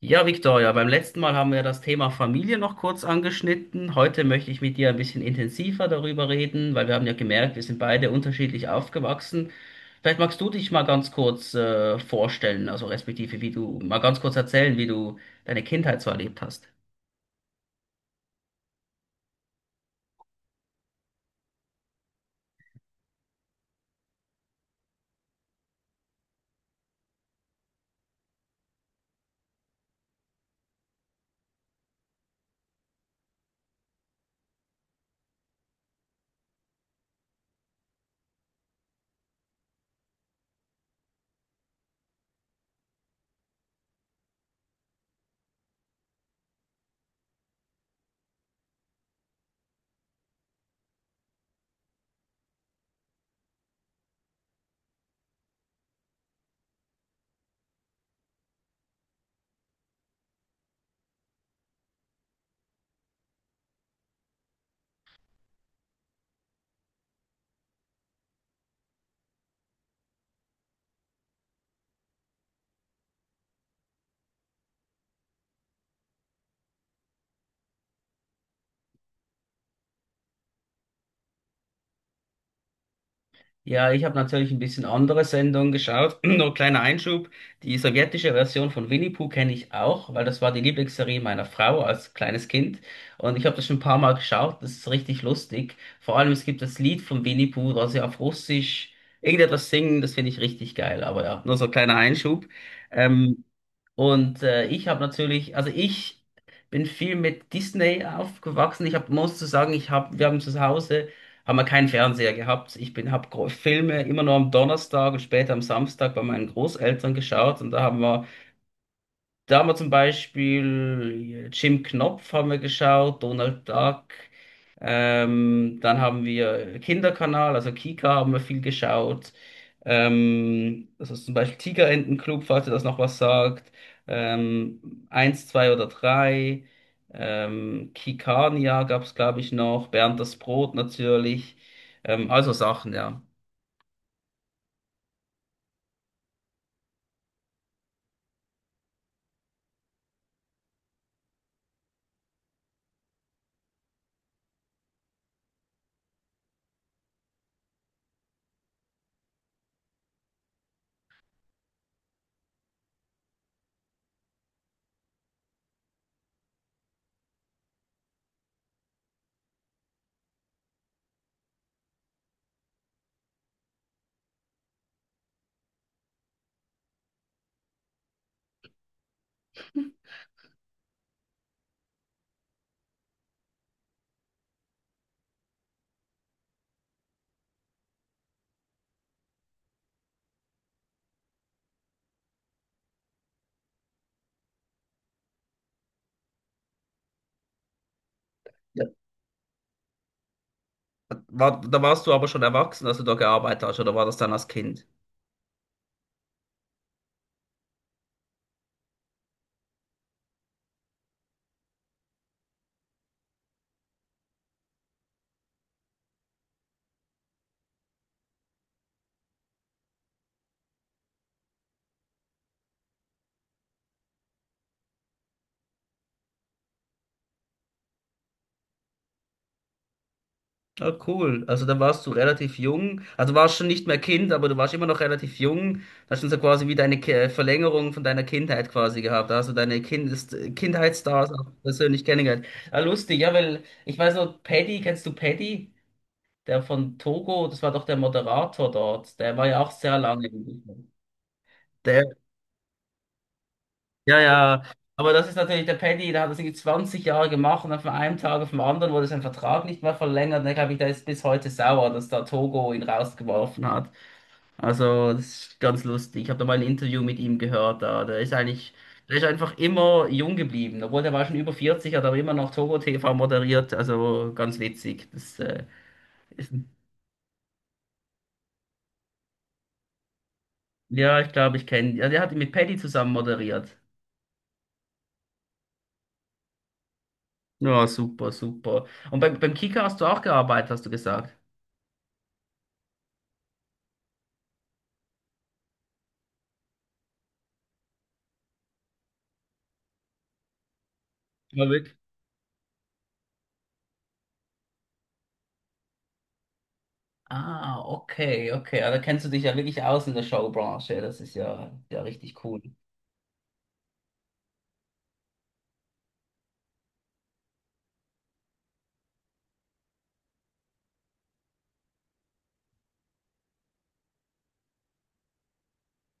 Ja, Victoria, beim letzten Mal haben wir das Thema Familie noch kurz angeschnitten. Heute möchte ich mit dir ein bisschen intensiver darüber reden, weil wir haben ja gemerkt, wir sind beide unterschiedlich aufgewachsen. Vielleicht magst du dich mal ganz kurz vorstellen, also respektive wie du, mal ganz kurz erzählen, wie du deine Kindheit so erlebt hast. Ja, ich habe natürlich ein bisschen andere Sendungen geschaut. Nur kleiner Einschub. Die sowjetische Version von Winnie Pooh kenne ich auch, weil das war die Lieblingsserie meiner Frau als kleines Kind. Und ich habe das schon ein paar Mal geschaut. Das ist richtig lustig. Vor allem, es gibt das Lied von Winnie Pooh, da sie auf Russisch irgendetwas singen. Das finde ich richtig geil. Aber ja, nur so ein kleiner Einschub. Ähm, und ich habe natürlich, also ich bin viel mit Disney aufgewachsen. Ich hab, muss zu sagen, wir haben zu Hause haben wir keinen Fernseher gehabt. Habe Filme immer nur am Donnerstag und später am Samstag bei meinen Großeltern geschaut, und da haben wir zum Beispiel Jim Knopf haben wir geschaut, Donald Duck. Dann haben wir Kinderkanal, also Kika haben wir viel geschaut. Das ist zum Beispiel Tigerentenclub, falls ihr das noch was sagt. Eins, zwei oder drei. Kikania gab es, glaube ich, noch. Bernd das Brot natürlich. Also Sachen, ja. Ja. Da warst du aber schon erwachsen, als du da gearbeitet hast, oder war das dann als Kind? Ah, cool. Also da warst du relativ jung. Also warst schon nicht mehr Kind, aber du warst immer noch relativ jung. Da hast du so quasi wie deine Verlängerung von deiner Kindheit quasi gehabt. Da hast du deine Kindes Kindheitsstars auch persönlich kennengelernt. Ah, lustig, ja, weil ich weiß noch, Paddy, kennst du Paddy? Der von Togo, das war doch der Moderator dort. Der war ja auch sehr lange. Im Ja, ja, aber das ist natürlich der Paddy, der hat das irgendwie 20 Jahre gemacht und dann von einem Tag auf den anderen wurde sein Vertrag nicht mehr verlängert. Und dann, glaube ich, der ist bis heute sauer, dass da Togo ihn rausgeworfen hat. Also, das ist ganz lustig. Ich habe da mal ein Interview mit ihm gehört. Da. Der ist einfach immer jung geblieben. Obwohl, der war schon über 40, hat aber immer noch Togo TV moderiert. Also, ganz witzig. Ist, ein- ja, ich glaube, ich kenne. Ja, der hat ihn mit Paddy zusammen moderiert. Ja, super, super. Und beim Kicker hast du auch gearbeitet, hast du gesagt. Ja, wirklich. Ah, okay, okay. Also kennst du dich ja wirklich aus in der Showbranche. Das ist ja, ja richtig cool.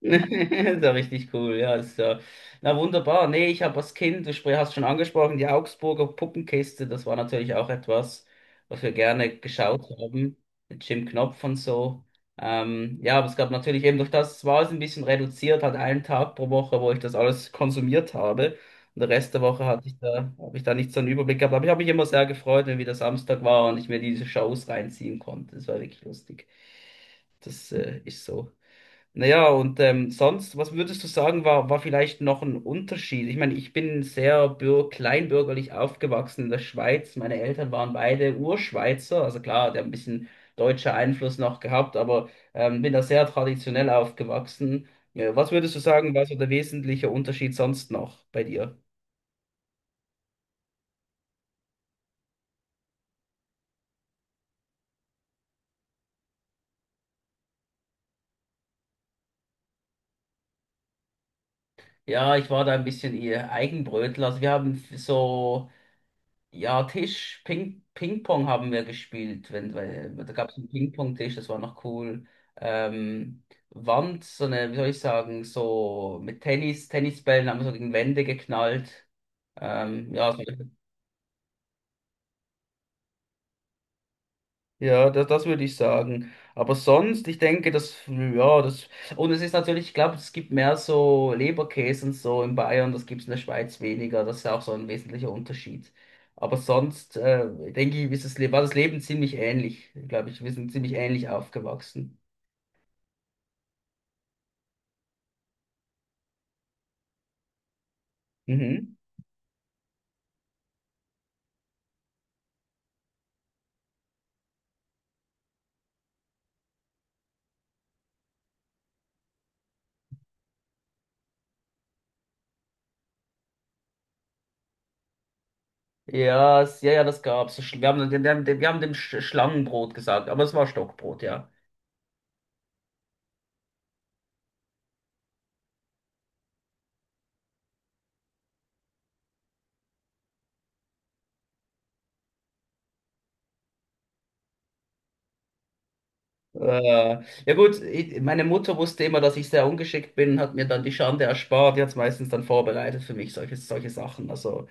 Ist ja richtig cool, ja. Das, Ist ja. Na wunderbar. Nee, ich habe als Kind, du hast schon angesprochen, die Augsburger Puppenkiste, das war natürlich auch etwas, was wir gerne geschaut haben, mit Jim Knopf und so. Ja, aber es gab natürlich eben durch das, war es ein bisschen reduziert, hat einen Tag pro Woche, wo ich das alles konsumiert habe. Und den Rest der Woche habe ich da nicht so einen Überblick gehabt. Aber ich habe mich immer sehr gefreut, wenn wieder Samstag war und ich mir diese Shows reinziehen konnte. Das war wirklich lustig. Das ist so. Naja, und sonst, was würdest du sagen, war, vielleicht noch ein Unterschied? Ich meine, ich bin sehr bür kleinbürgerlich aufgewachsen in der Schweiz. Meine Eltern waren beide Urschweizer. Also klar, der hat ein bisschen deutscher Einfluss noch gehabt, aber bin da sehr traditionell aufgewachsen. Ja, was würdest du sagen, war so der wesentliche Unterschied sonst noch bei dir? Ja, ich war da ein bisschen eher Eigenbrötler. Also wir haben so. Ja, Ping-Pong haben wir gespielt. Wenn, weil, da gab es einen Ping-Pong-Tisch, das war noch cool. Ähm, so eine, wie soll ich sagen, so mit Tennisbällen haben wir so gegen Wände geknallt. Ähm, ja, so Ja, das würde ich sagen. Aber sonst, ich denke, und es ist natürlich, ich glaube, es gibt mehr so Leberkäse und so in Bayern, das gibt es in der Schweiz weniger, das ist ja auch so ein wesentlicher Unterschied. Aber sonst, denke ich, war das Leben ziemlich ähnlich, glaube ich, wir sind ziemlich ähnlich aufgewachsen. Mhm. Ja, ja, ja, das gab's. So wir haben dem Schlangenbrot gesagt, aber es war Stockbrot, ja. Ja gut, meine Mutter wusste immer, dass ich sehr ungeschickt bin, hat mir dann die Schande erspart, die hat es meistens dann vorbereitet für mich, solche Sachen. Also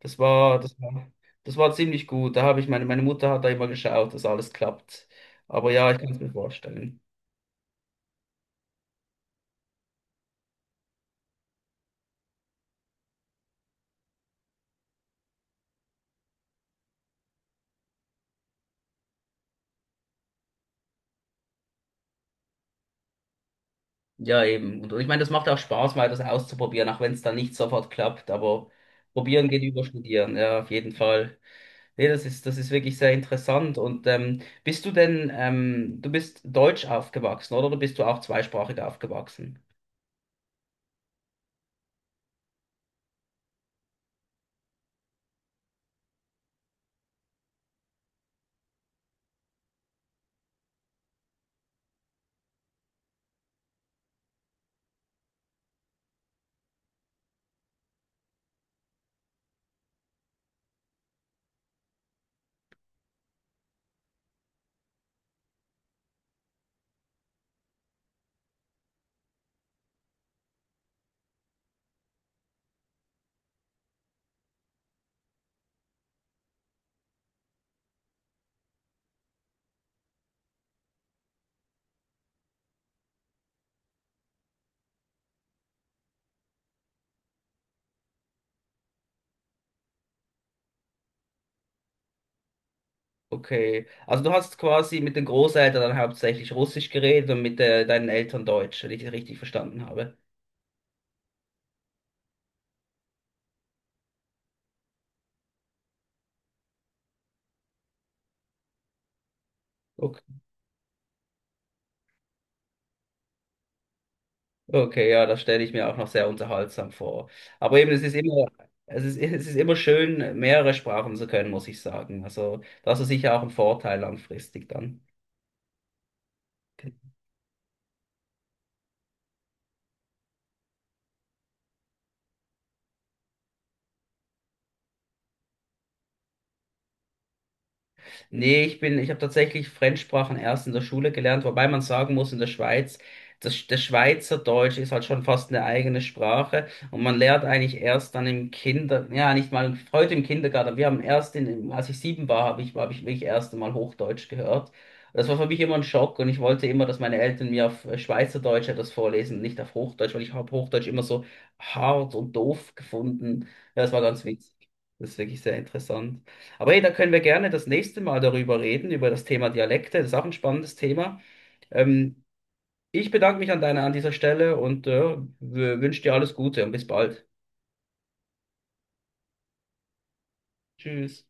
das war, das war, das war ziemlich gut. Da habe ich meine Mutter hat da immer geschaut, dass alles klappt. Aber ja, ich kann es mir vorstellen. Ja, eben. Und ich meine, das macht auch Spaß, mal das auszuprobieren, auch wenn es dann nicht sofort klappt. Aber probieren geht über studieren, ja, auf jeden Fall. Nee, das ist wirklich sehr interessant. Und bist du denn, du bist deutsch aufgewachsen, oder? Oder bist du auch zweisprachig aufgewachsen? Okay. Also du hast quasi mit den Großeltern dann hauptsächlich Russisch geredet und mit deinen Eltern Deutsch, wenn ich das richtig verstanden habe. Okay, okay, ja, das stelle ich mir auch noch sehr unterhaltsam vor. Aber eben, es ist immer, es ist, es ist immer schön, mehrere Sprachen zu können, muss ich sagen. Also das ist sicher auch ein Vorteil langfristig dann. Nee, ich habe tatsächlich Fremdsprachen erst in der Schule gelernt, wobei man sagen muss, in der Schweiz, das Schweizerdeutsch ist halt schon fast eine eigene Sprache und man lernt eigentlich erst dann ja, nicht mal heute im Kindergarten. Wir haben als ich 7 war, habe ich wirklich erst einmal Hochdeutsch gehört. Das war für mich immer ein Schock, und ich wollte immer, dass meine Eltern mir auf Schweizerdeutsch etwas vorlesen, nicht auf Hochdeutsch, weil ich habe Hochdeutsch immer so hart und doof gefunden. Ja, das war ganz witzig. Das ist wirklich sehr interessant. Aber hey, da können wir gerne das nächste Mal darüber reden, über das Thema Dialekte. Das ist auch ein spannendes Thema. Ähm, ich bedanke mich an dieser Stelle und wünsche dir alles Gute und bis bald. Tschüss.